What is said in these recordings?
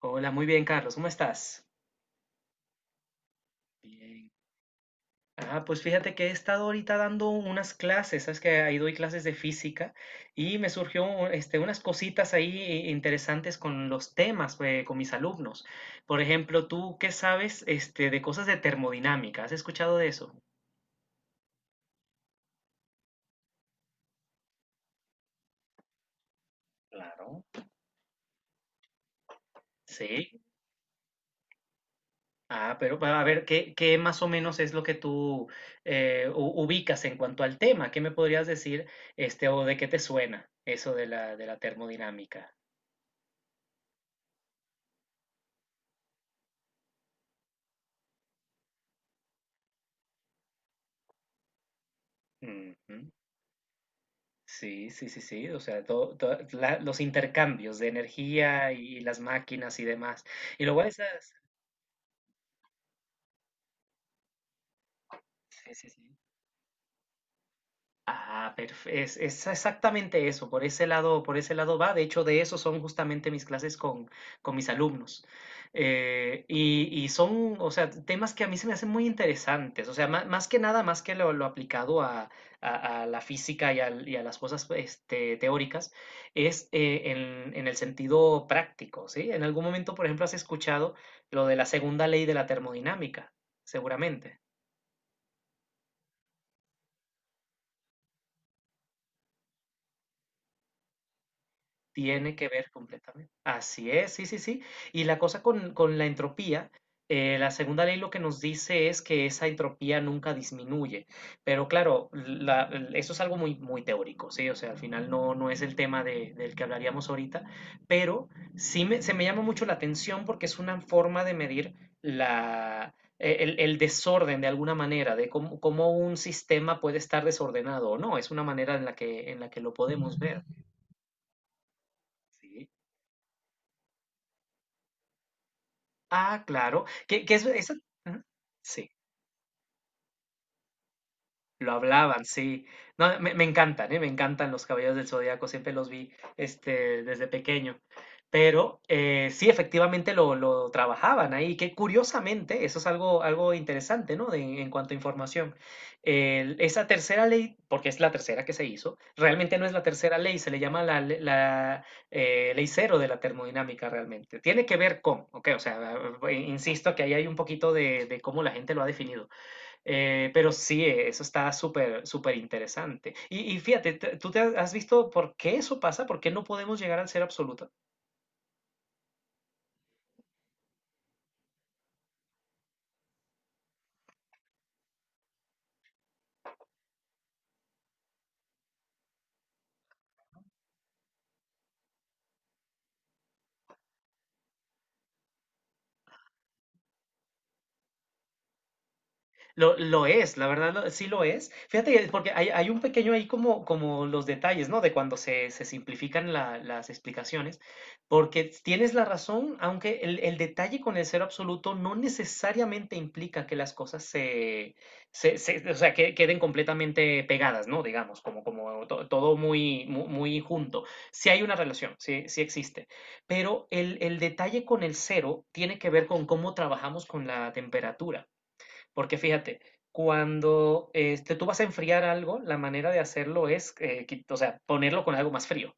Hola, muy bien, Carlos, ¿cómo estás? Bien. Pues fíjate que he estado ahorita dando unas clases, sabes que ahí doy clases de física y me surgió unas cositas ahí interesantes con los temas, con mis alumnos. Por ejemplo, ¿tú qué sabes este, de cosas de termodinámica? ¿Has escuchado de eso? Claro. Sí. Pero va, a ver, ¿qué más o menos es lo que tú ubicas en cuanto al tema? ¿Qué me podrías decir este, o de qué te suena eso de de la termodinámica? Ujú. Sí, sí, sí, sí. O sea, toda los intercambios de energía y las máquinas y demás. Y luego bueno. Sí, sí, sí. Perfecto. Es exactamente eso. Por ese lado va. De hecho, de eso son justamente mis clases con mis alumnos. Y son, o sea, temas que a mí se me hacen muy interesantes. O sea, más, que nada, más que lo aplicado a la física y, y a las cosas este, teóricas, es en el sentido práctico, ¿sí? En algún momento, por ejemplo, has escuchado lo de la segunda ley de la termodinámica, seguramente. Tiene que ver completamente. Así es, sí, sí, sí. Y la cosa con la entropía, la segunda ley lo que nos dice es que esa entropía nunca disminuye. Pero claro, eso es algo muy, muy teórico, ¿sí? O sea, al final no, no es el tema del que hablaríamos ahorita, pero sí se me llama mucho la atención porque es una forma de medir el desorden de alguna manera, de cómo, cómo un sistema puede estar desordenado o no. Es una manera en la que lo podemos ver, ¿sí? Claro. Ujú, sí. Lo hablaban, sí. No, me encantan, ¿eh? Me encantan los Caballeros del Zodíaco, siempre los vi este, desde pequeño. Pero sí, efectivamente lo trabajaban ahí, que curiosamente, eso es algo, algo interesante, ¿no? En cuanto a información. Esa tercera ley, porque es la tercera que se hizo, realmente no es la tercera ley, se le llama ley cero de la termodinámica realmente. Tiene que ver con, ok, o sea, insisto que ahí hay un poquito de cómo la gente lo ha definido, pero sí, eso está súper, súper interesante. Y fíjate, ¿tú te has visto por qué eso pasa? ¿Por qué no podemos llegar al ser absoluto? Lo es, la verdad sí lo es. Fíjate, porque hay un pequeño ahí como, como los detalles, ¿no? De cuando se simplifican las explicaciones, porque tienes la razón, aunque el detalle con el cero absoluto no necesariamente implica que las cosas o sea, que queden completamente pegadas, ¿no? Digamos, como, todo muy, muy, junto. Sí hay una relación, sí, sí existe. Pero el detalle con el cero tiene que ver con cómo trabajamos con la temperatura. Porque fíjate, cuando este, tú vas a enfriar algo, la manera de hacerlo es, o sea, ponerlo con algo más frío.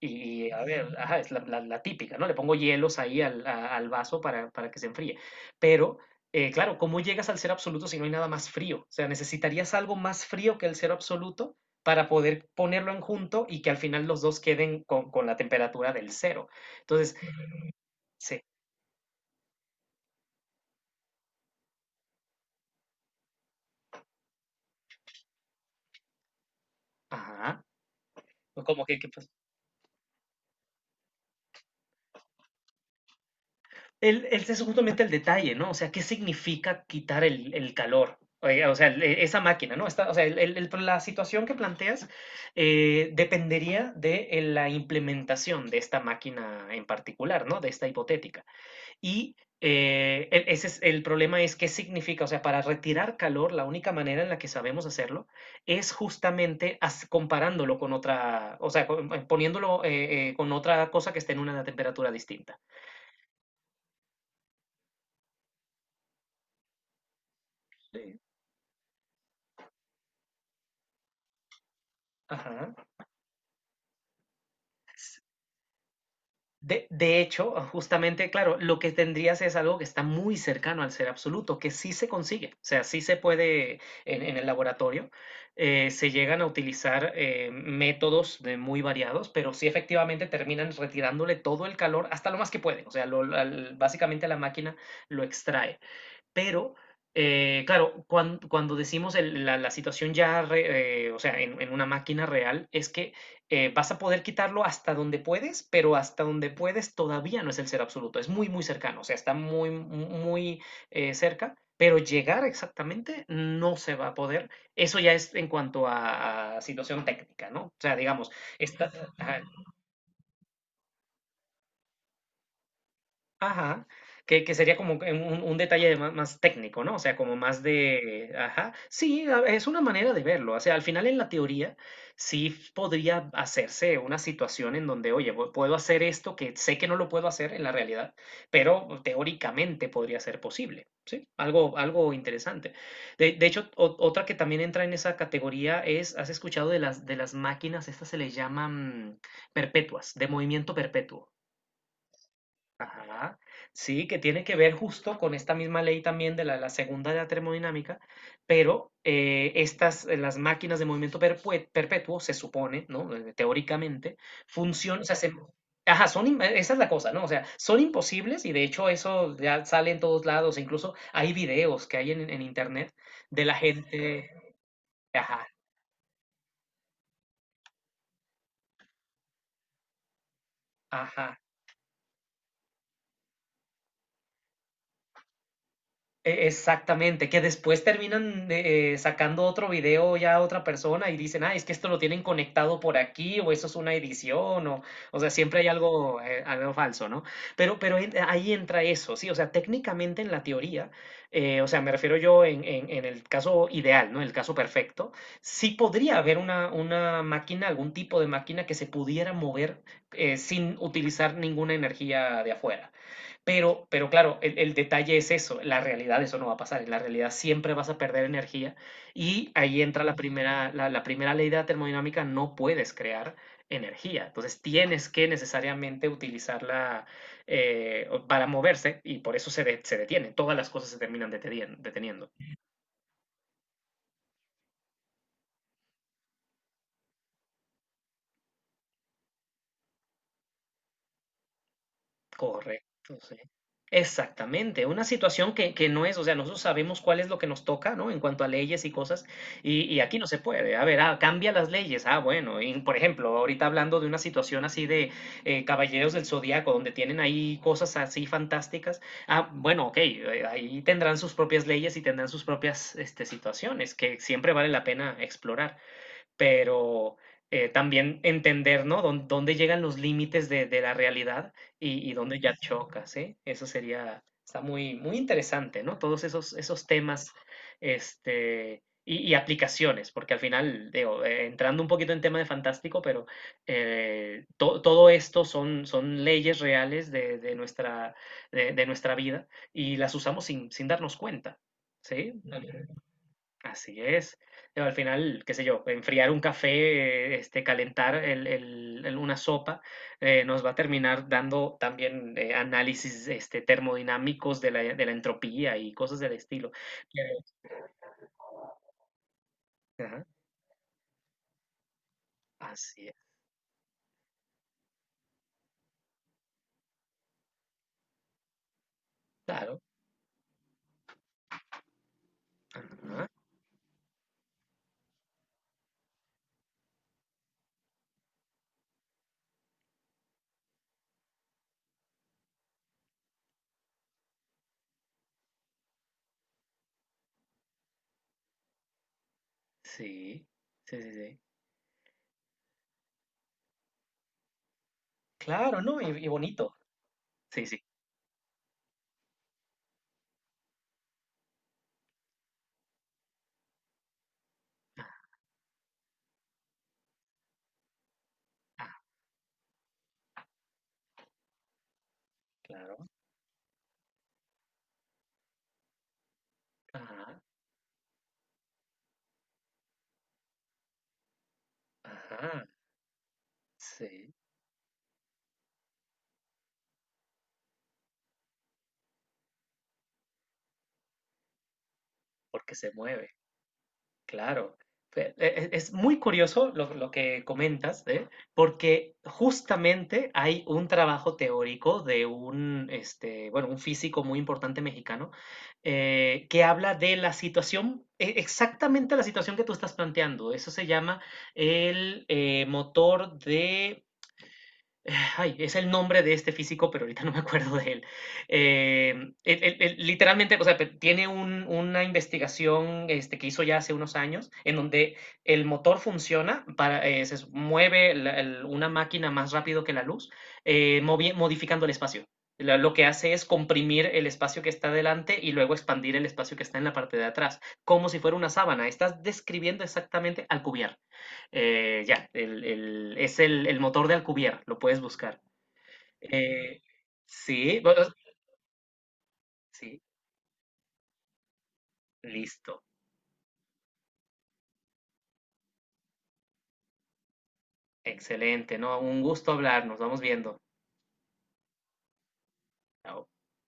Y, a ver, ajá, es la típica, ¿no? Le pongo hielos ahí al vaso para que se enfríe. Pero, claro, ¿cómo llegas al cero absoluto si no hay nada más frío? O sea, necesitarías algo más frío que el cero absoluto para poder ponerlo en junto y que al final los dos queden con la temperatura del cero. Entonces, sí, ajá, que pues, es justamente el detalle, ¿no? O sea, ¿qué significa quitar el calor? Oye, o sea, esa máquina, ¿no? Está, o sea, la situación que planteas dependería de la implementación de esta máquina en particular, ¿no? De esta hipotética. Y ese es, el problema es qué significa, o sea, para retirar calor, la única manera en la que sabemos hacerlo es justamente comparándolo con otra, o sea, poniéndolo con otra cosa que esté en una temperatura distinta. Sí. Ajá. De hecho, justamente, claro, lo que tendrías es algo que está muy cercano al ser absoluto, que sí se consigue, o sea, sí se puede en el laboratorio, se llegan a utilizar métodos de muy variados, pero sí efectivamente terminan retirándole todo el calor hasta lo más que pueden, o sea, básicamente la máquina lo extrae. Pero, claro, cuando decimos la situación ya, o sea, en una máquina real, es que vas a poder quitarlo hasta donde puedes, pero hasta donde puedes todavía no es el ser absoluto, es muy, muy cercano, o sea, está muy, muy cerca, pero llegar exactamente no se va a poder. Eso ya es en cuanto a situación técnica, ¿no? O sea, digamos, está, ajá, que sería como que un detalle de más, más técnico, ¿no? O sea, como más de, ajá, sí, es una manera de verlo. O sea, al final en la teoría podría hacerse una situación en donde, oye, puedo hacer esto que sé que no lo puedo hacer en la realidad, pero teóricamente podría ser posible, ¿sí? Algo, algo interesante. De hecho, otra que también entra en esa categoría es, ¿has escuchado de de las máquinas? Estas se les llaman perpetuas, de movimiento perpetuo. Ajá. Sí, que tiene que ver justo con esta misma ley también de la segunda de la termodinámica, pero estas, las máquinas de movimiento perpetuo, se supone, ¿no? Teóricamente, funcionan, o sea, se- ajá, son, esa es la cosa, ¿no? O sea, son imposibles y de hecho eso ya sale en todos lados, incluso hay videos que hay en internet de la gente, ajá, ajá. Exactamente, que después terminan sacando otro video ya a otra persona y dicen, ah, es que esto lo tienen conectado por aquí o eso es una edición o sea, siempre hay algo, algo falso, ¿no? Pero, ahí entra eso, sí, o sea, técnicamente en la teoría, o sea, me refiero yo en el caso ideal, ¿no? El caso perfecto, sí podría haber una máquina, algún tipo de máquina que se pudiera mover sin utilizar ninguna energía de afuera. Pero claro, el detalle es eso, la realidad eso no va a pasar, en la realidad siempre vas a perder energía y ahí entra la primera, la primera ley de la termodinámica, no puedes crear energía, entonces tienes que necesariamente utilizarla para moverse y por eso se detiene, todas las cosas se terminan deteniendo. Correcto, sí. Exactamente, una situación que no es, o sea, nosotros sabemos cuál es lo que nos toca, ¿no? En cuanto a leyes y cosas, y aquí no se puede. A ver, ah, cambia las leyes. Ah, bueno, y por ejemplo, ahorita hablando de una situación así de Caballeros del Zodíaco, donde tienen ahí cosas así fantásticas. Ah, bueno, ok, ahí tendrán sus propias leyes y tendrán sus propias este, situaciones que siempre vale la pena explorar pero también entender, ¿no? Dónde llegan los límites de la realidad y dónde ya chocas, ¿eh? Eso sería, está muy, muy interesante, ¿no? Todos esos, esos temas, este, y aplicaciones, porque al final, digo, entrando un poquito en tema de fantástico, pero todo esto son, son leyes reales de nuestra vida y las usamos sin, sin darnos cuenta, ¿sí? Así es. Digo, al final, qué sé yo, enfriar un café, este, calentar una sopa, nos va a terminar dando también análisis este, termodinámicos de de la entropía y cosas del estilo. Pero- ajá, así es, claro. Ajá, sí, sí, sí, sí. Claro, ¿no? Y bonito. Sí, sí. Ah, ah, claro. Ajá, ajá, sí, porque se mueve. Claro, es muy curioso lo que comentas, ¿eh? Porque justamente hay un trabajo teórico de un, este, bueno, un físico muy importante mexicano que habla de la situación, exactamente la situación que tú estás planteando. Eso se llama el motor de... Ay, es el nombre de este físico, pero ahorita no me acuerdo de él. Eh, él literalmente, o sea, tiene una investigación este, que hizo ya hace unos años, en donde el motor funciona, para, se mueve una máquina más rápido que la luz, modificando el espacio. Lo que hace es comprimir el espacio que está delante y luego expandir el espacio que está en la parte de atrás, como si fuera una sábana. Estás describiendo exactamente al cubierto. Ya, es el motor de Alcubierre, lo puedes buscar. Eh, sí, bueno, sí, listo, excelente, ¿no? Un gusto hablar, nos vamos viendo. Chao.